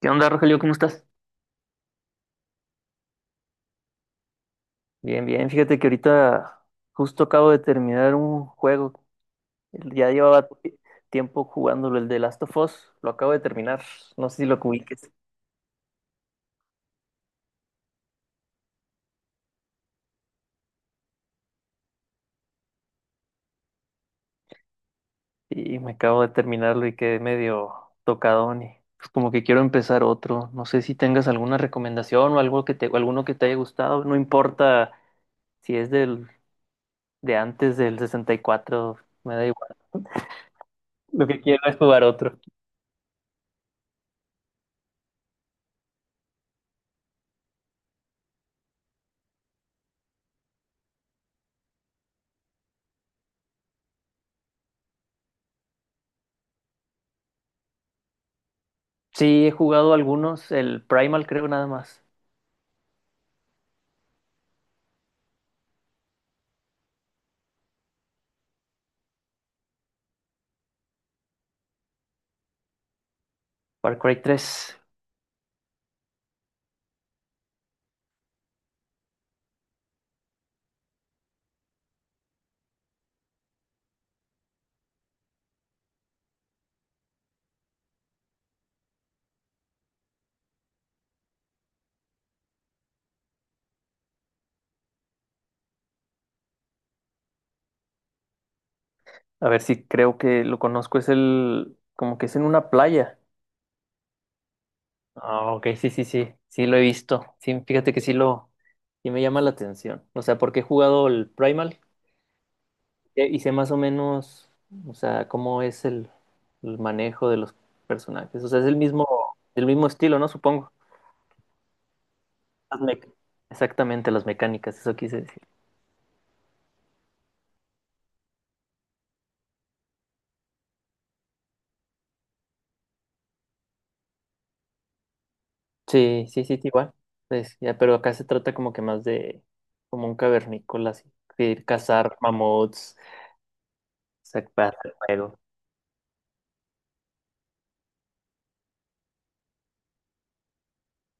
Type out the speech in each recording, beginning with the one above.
¿Qué onda, Rogelio? ¿Cómo estás? Bien, bien. Fíjate que ahorita justo acabo de terminar un juego. Ya llevaba tiempo jugándolo, el de Last of Us. Lo acabo de terminar. No sé si lo ubiques. Y me acabo de terminarlo y quedé medio tocadón, y pues como que quiero empezar otro. No sé si tengas alguna recomendación o o alguno que te haya gustado. No importa si es del de antes del 64. Me da igual. Lo que quiero es jugar otro. Sí, he jugado algunos, el Primal creo nada más. Far Cry tres. A ver, si creo que lo conozco. Como que es en una playa. Ah, ok, sí, sí, sí. Sí lo he visto. Sí, fíjate que sí me llama la atención. O sea, porque he jugado el Primal, y sé más o menos, o sea, cómo es el manejo de los personajes. O sea, es el mismo estilo, ¿no? Supongo. Las mec- Exactamente, las mecánicas, eso quise decir. Sí, sí, sí, igual. Pues, ya, pero acá se trata como que más de como un cavernícola, así, de ir cazar mamuts, sacar el juego.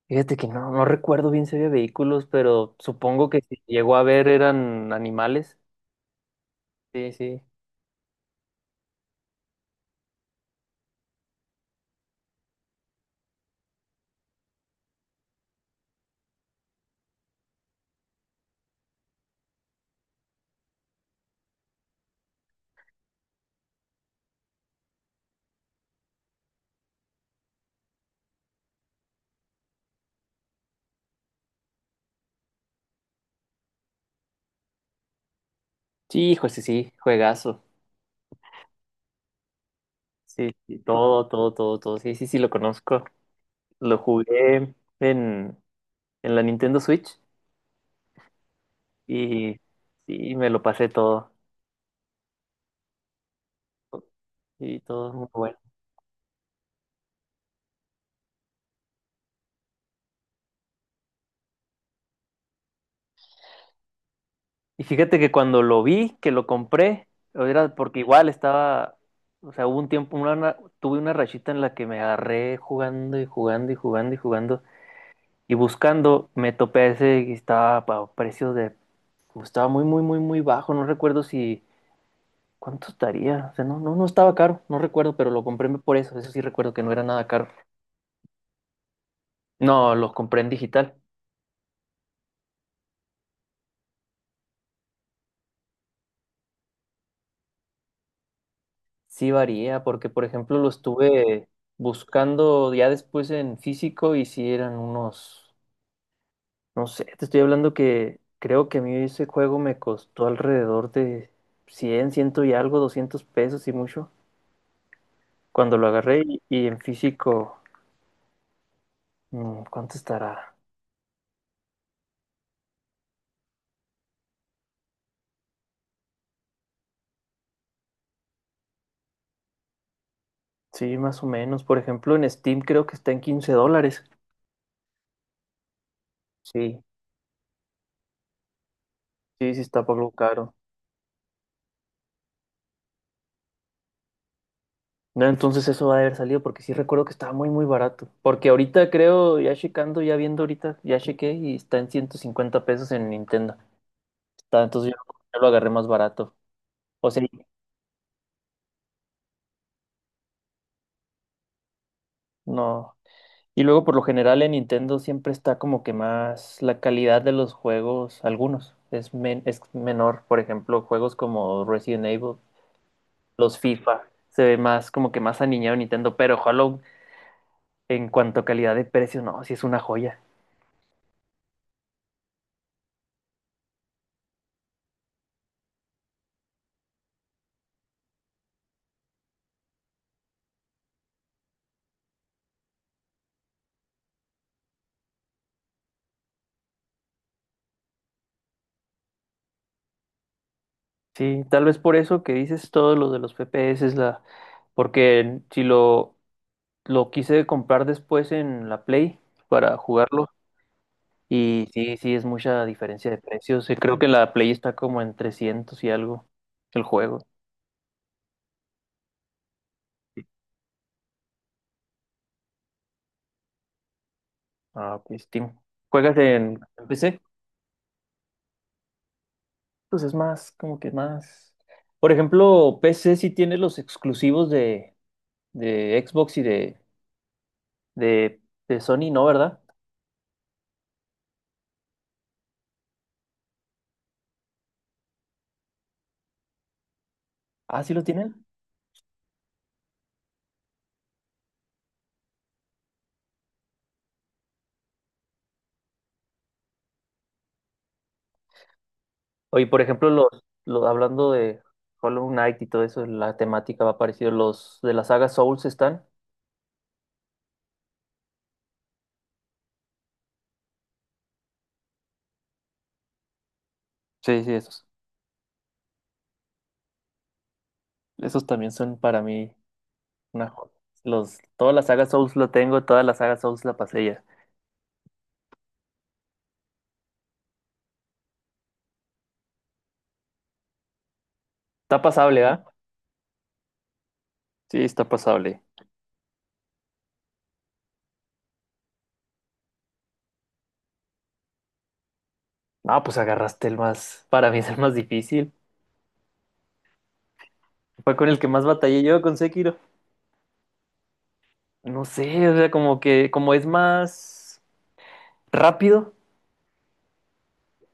Fíjate que no, no recuerdo bien si había vehículos, pero supongo que si llegó a ver eran animales. Sí, sí. Sí, hijo, sí, sí, juegazo. Sí, sí, todo, todo, todo, todo. Sí, sí, sí, lo conozco. Lo jugué en, en la Nintendo Switch y sí, me lo pasé todo. Y todo muy bueno. Y fíjate que cuando lo vi, que lo compré, era porque igual estaba, o sea, hubo un tiempo, tuve una rachita en la que me agarré jugando y jugando y jugando y jugando y buscando, me topé ese que estaba estaba muy, muy, muy, muy bajo. No recuerdo, si, ¿cuánto estaría? O sea, no, no, no estaba caro, no recuerdo, pero lo compré por eso, eso sí recuerdo que no era nada caro. No, lo compré en digital. Sí varía, porque por ejemplo lo estuve buscando ya después en físico y sí eran unos no sé, te estoy hablando que creo que a mí ese juego me costó alrededor de ciento y algo, 200 pesos y mucho. Cuando lo agarré y en físico, ¿cuánto estará? Sí, más o menos. Por ejemplo, en Steam creo que está en $15. Sí, sí, sí está algo caro. No, entonces eso va a haber salido porque sí recuerdo que estaba muy, muy barato. Porque ahorita creo, ya checando, ya viendo ahorita, ya chequé, y está en 150 pesos en Nintendo. Entonces yo lo agarré más barato. O sea, no. Y luego por lo general en Nintendo siempre está como que más la calidad de los juegos, algunos, es menor. Por ejemplo, juegos como Resident Evil, los FIFA, se ve más como que más aniñado Nintendo, pero Hollow, en cuanto a calidad de precio, no, sí es una joya. Sí, tal vez por eso que dices, todo lo de los FPS Porque si lo, lo quise comprar después en la Play para jugarlo. Y sí, sí, es mucha diferencia de precios. Creo que la Play está como en 300 y algo el juego. Ah, pues Steam. ¿Juegas en PC? Pues es más, como que más. Por ejemplo, PC sí tiene los exclusivos de Xbox y de, de Sony, ¿no? ¿Verdad? Ah, sí los tienen. Oye, por ejemplo, los hablando de Hollow Knight y todo eso, la temática va parecido. Los de la saga Souls están. Sí, sí, esos. Esos también son para mí Una jo- toda la saga Souls lo tengo, toda la saga Souls la pasé ya. Está pasable, ¿ah? Sí, está pasable. No, pues agarraste para mí es el más difícil. Fue con el que más batallé yo, con Sekiro. No sé, o sea, como es más rápido,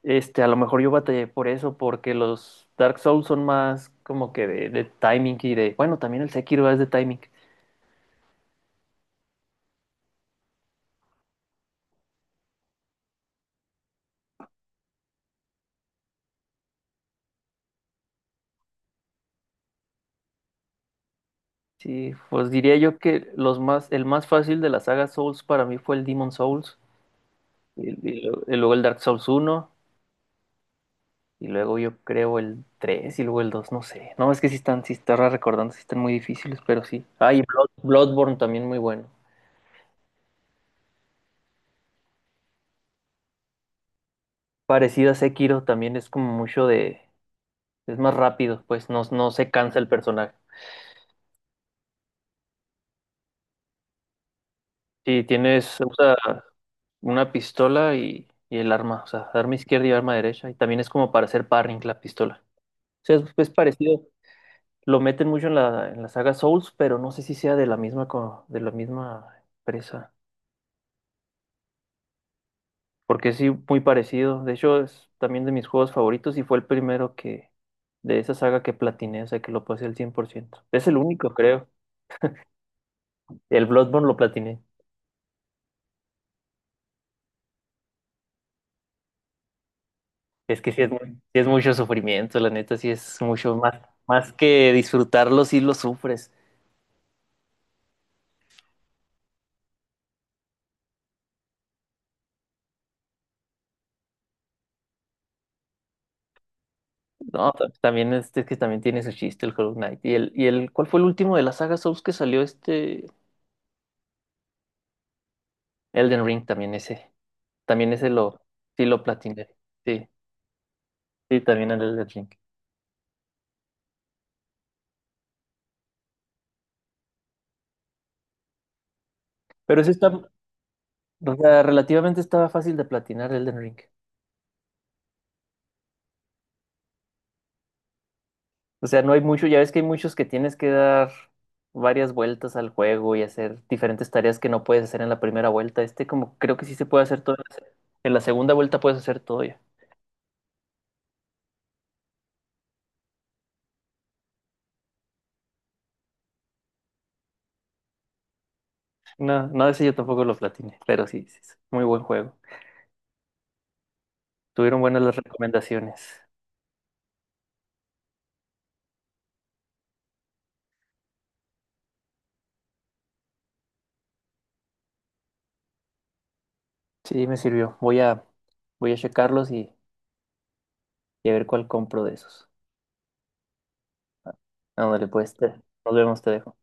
este, a lo mejor yo batallé por eso, porque los Dark Souls son más como que de timing y bueno, también el Sekiro es de timing. Sí, pues diría yo que el más fácil de la saga Souls para mí fue el Demon Souls. Y luego el Dark Souls uno, y luego yo creo el tres, y luego el 2 no sé. No, es que sí están recordando, sí están muy difíciles, pero sí. Ah, y Bloodborne también, muy bueno. Parecido a Sekiro, también es como mucho de. Es más rápido, pues no, no se cansa el personaje. Sí, usa una pistola y el arma, o sea, arma izquierda y arma derecha. Y también es como para hacer parring la pistola. O sea, es parecido. Lo meten mucho en la saga Souls, pero no sé si sea de la misma empresa. Porque sí, muy parecido. De hecho, es también de mis juegos favoritos, y fue el primero que de esa saga que platiné, o sea, que lo pasé al 100%. Es el único, creo. El Bloodborne lo platiné. Es que sí es mucho sufrimiento, la neta, sí es más que disfrutarlo, sí lo sufres. No, también este es que también tiene su chiste el Hollow Knight. ¿Cuál fue el último de la saga Souls que salió este? Elden Ring también ese. También ese lo, sí lo platiné. Sí, sí, también el Elden Ring. Pero ese está, O sea, relativamente estaba fácil de platinar Elden Ring. O sea, no hay mucho, ya ves que hay muchos que tienes que dar varias vueltas al juego y hacer diferentes tareas que no puedes hacer en la primera vuelta. Este, como creo que sí se puede hacer todo. En la segunda vuelta puedes hacer todo ya. No, no, ese yo tampoco lo platiné, pero sí, sí, es muy buen juego. Tuvieron buenas las recomendaciones. Sí, me sirvió. Voy a checarlos, y a ver cuál compro de esos. Ándale, pues, nos vemos, te dejo.